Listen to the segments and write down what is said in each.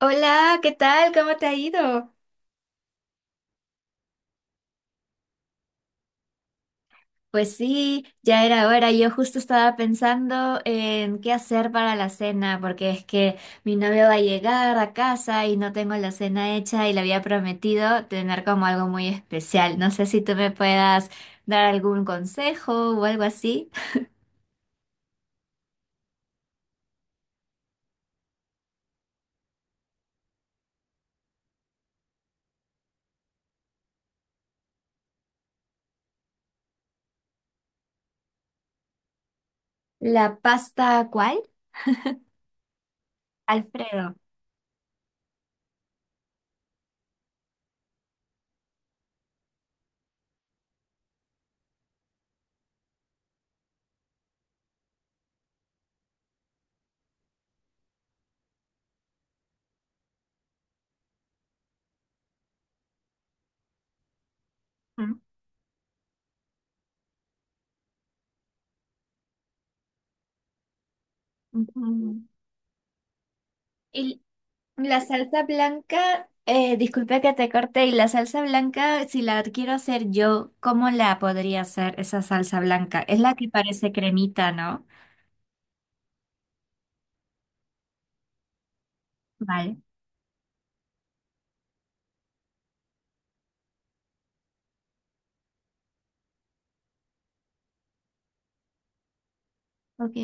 Hola, ¿qué tal? ¿Cómo te ha ido? Pues sí, ya era hora. Yo justo estaba pensando en qué hacer para la cena, porque es que mi novio va a llegar a casa y no tengo la cena hecha y le había prometido tener como algo muy especial. No sé si tú me puedas dar algún consejo o algo así. ¿La pasta cuál? Alfredo. Ujú. Ujú. Y la salsa blanca, disculpe que te corté y la salsa blanca, si la quiero hacer yo, ¿cómo la podría hacer esa salsa blanca? Es la que parece cremita, ¿no? Vale, ok.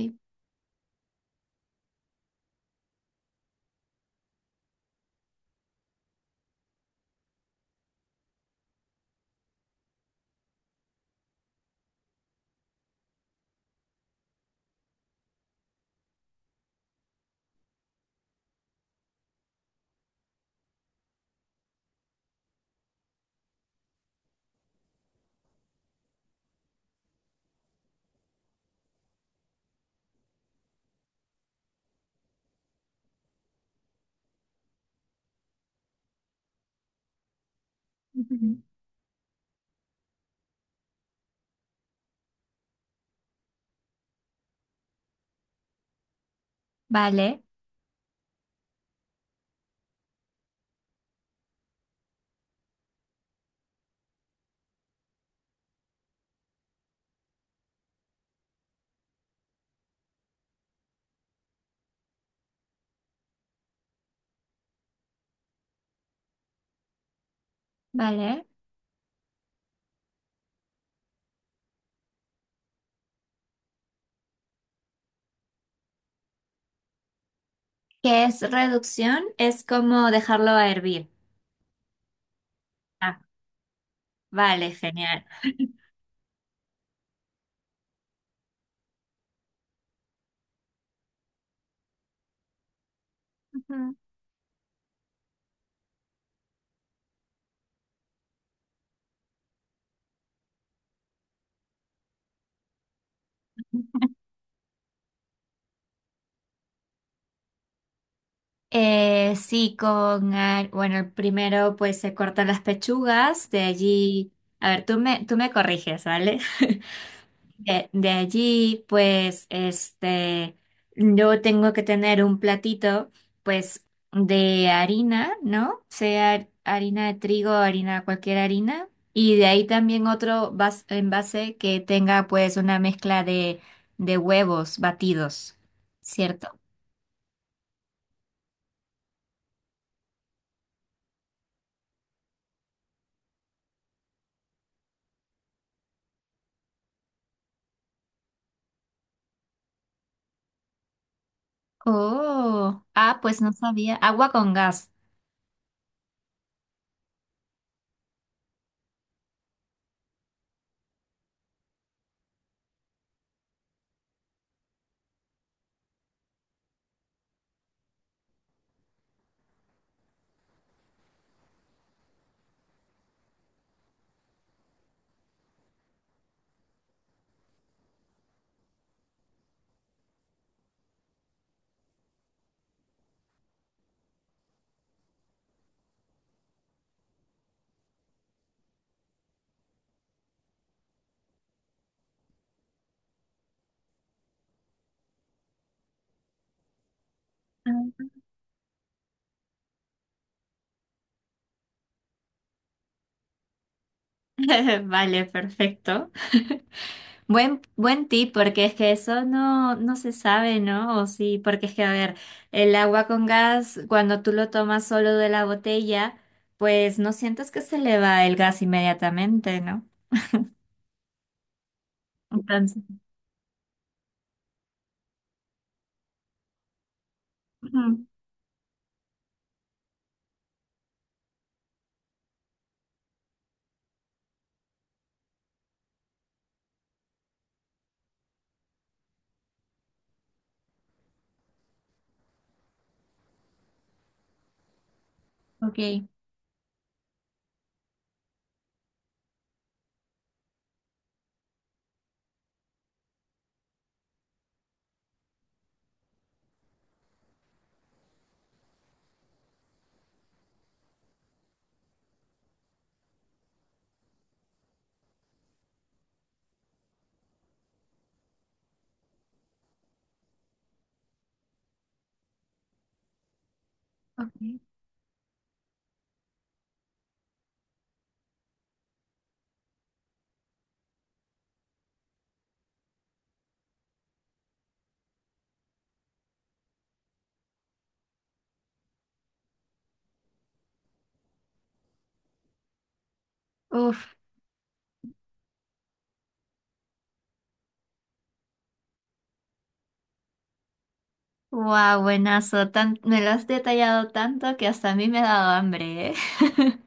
Ujú. Vale, vale. ¿Qué es reducción? Es como dejarlo a hervir. Ah, vale, genial. Ujú. Sí, con, ar- bueno, primero pues se cortan las pechugas, de allí, a ver, tú me corriges, ¿vale? De allí, pues, este, yo tengo que tener un platito, pues, de harina, ¿no? Sea harina de trigo, harina, cualquier harina. Y de ahí también otro vas- envase que tenga, pues, una mezcla de huevos batidos, ¿cierto? Oh, ah, pues no sabía. Agua con gas. Ah. Vale, perfecto. Buen, buen tip, porque es que eso no, no se sabe, ¿no? O sí, porque es que, a ver, el agua con gas, cuando tú lo tomas solo de la botella, pues no sientes que se le va el gas inmediatamente, ¿no? Entonces, ujú, ok, ok. Uf, wow, buenazo. Tan, me lo has detallado tanto que hasta a mí me ha dado hambre, ¿eh?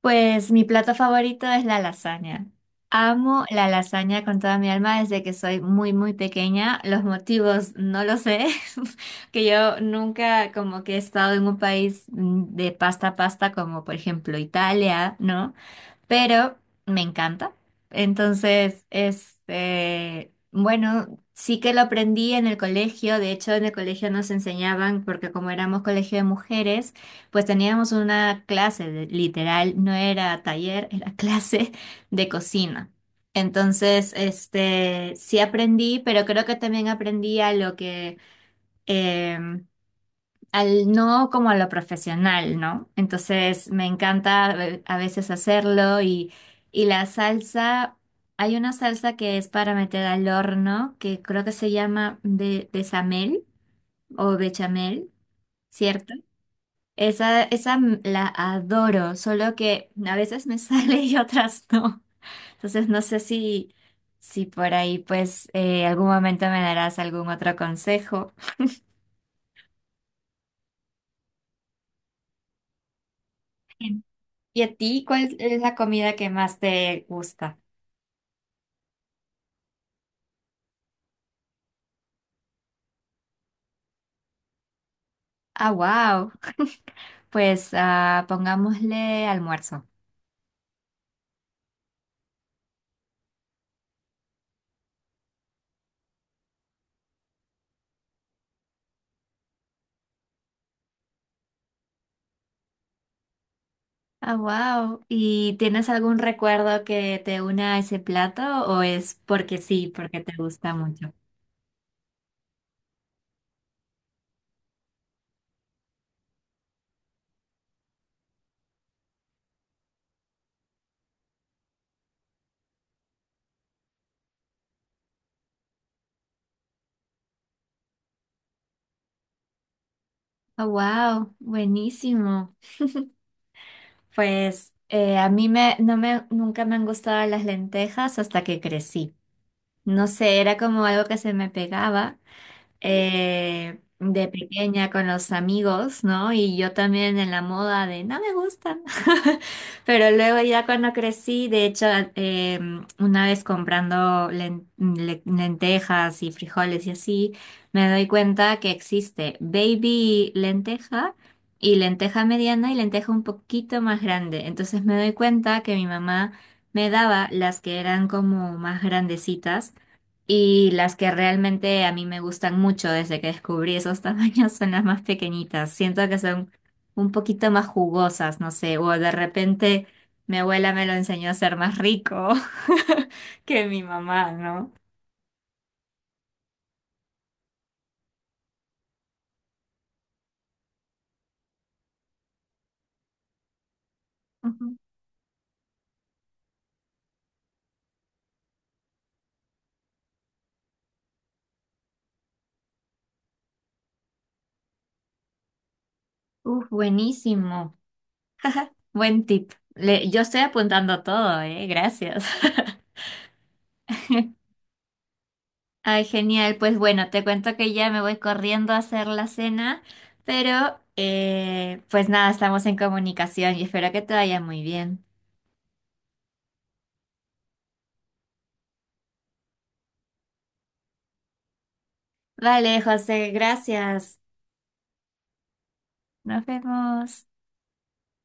Pues mi plato favorito es la lasaña. Amo la lasaña con toda mi alma desde que soy muy, muy pequeña. Los motivos no lo sé, que yo nunca como que he estado en un país de pasta a pasta como por ejemplo Italia, ¿no? Pero me encanta. Entonces, este, bueno, sí que lo aprendí en el colegio. De hecho, en el colegio nos enseñaban, porque como éramos colegio de mujeres, pues teníamos una clase, de- literal, no era taller, era clase de cocina. Entonces, este, sí aprendí, pero creo que también aprendí a lo que em, al no como a lo profesional, ¿no? Entonces me encanta a veces hacerlo y la salsa, hay una salsa que es para meter al horno, que creo que se llama be- bechamel o bechamel, ¿cierto? Esa m- la adoro, solo que a veces me sale y otras no. Entonces no sé si, si por ahí pues algún momento me darás algún otro consejo. ¿Y a ti cuál es la comida que más te gusta? Ah, wow. Pues ah, pongámosle almuerzo. Ah, wow. ¿Y tienes algún recuerdo que te una a ese plato o es porque sí, porque te gusta mucho? Ah, wow. Buenísimo. Pues a mí me, no me, nunca me han gustado las lentejas hasta que crecí. No sé, era como algo que se me pegaba. De pequeña con los amigos, ¿no? Y yo también en la moda de no me gustan. Pero luego ya cuando crecí, de hecho, eh, una vez comprando len- le- lentejas y frijoles y así, me doy cuenta que existe baby lenteja. Y lenteja mediana y lenteja un poquito más grande. Entonces me doy cuenta que mi mamá me daba las que eran como más grandecitas y las que realmente a mí me gustan mucho desde que descubrí esos tamaños son las más pequeñitas. Siento que son un poquito más jugosas, no sé, o de repente mi abuela me lo enseñó a ser más rico que mi mamá, ¿no? Ujú. Uf, buenísimo. Buen tip. Le- yo estoy apuntando todo, ¿eh? Gracias. Ay, genial. Pues bueno, te cuento que ya me voy corriendo a hacer la cena, pero pues nada, estamos en comunicación y espero que te vaya muy bien. Vale, José, gracias. Nos vemos.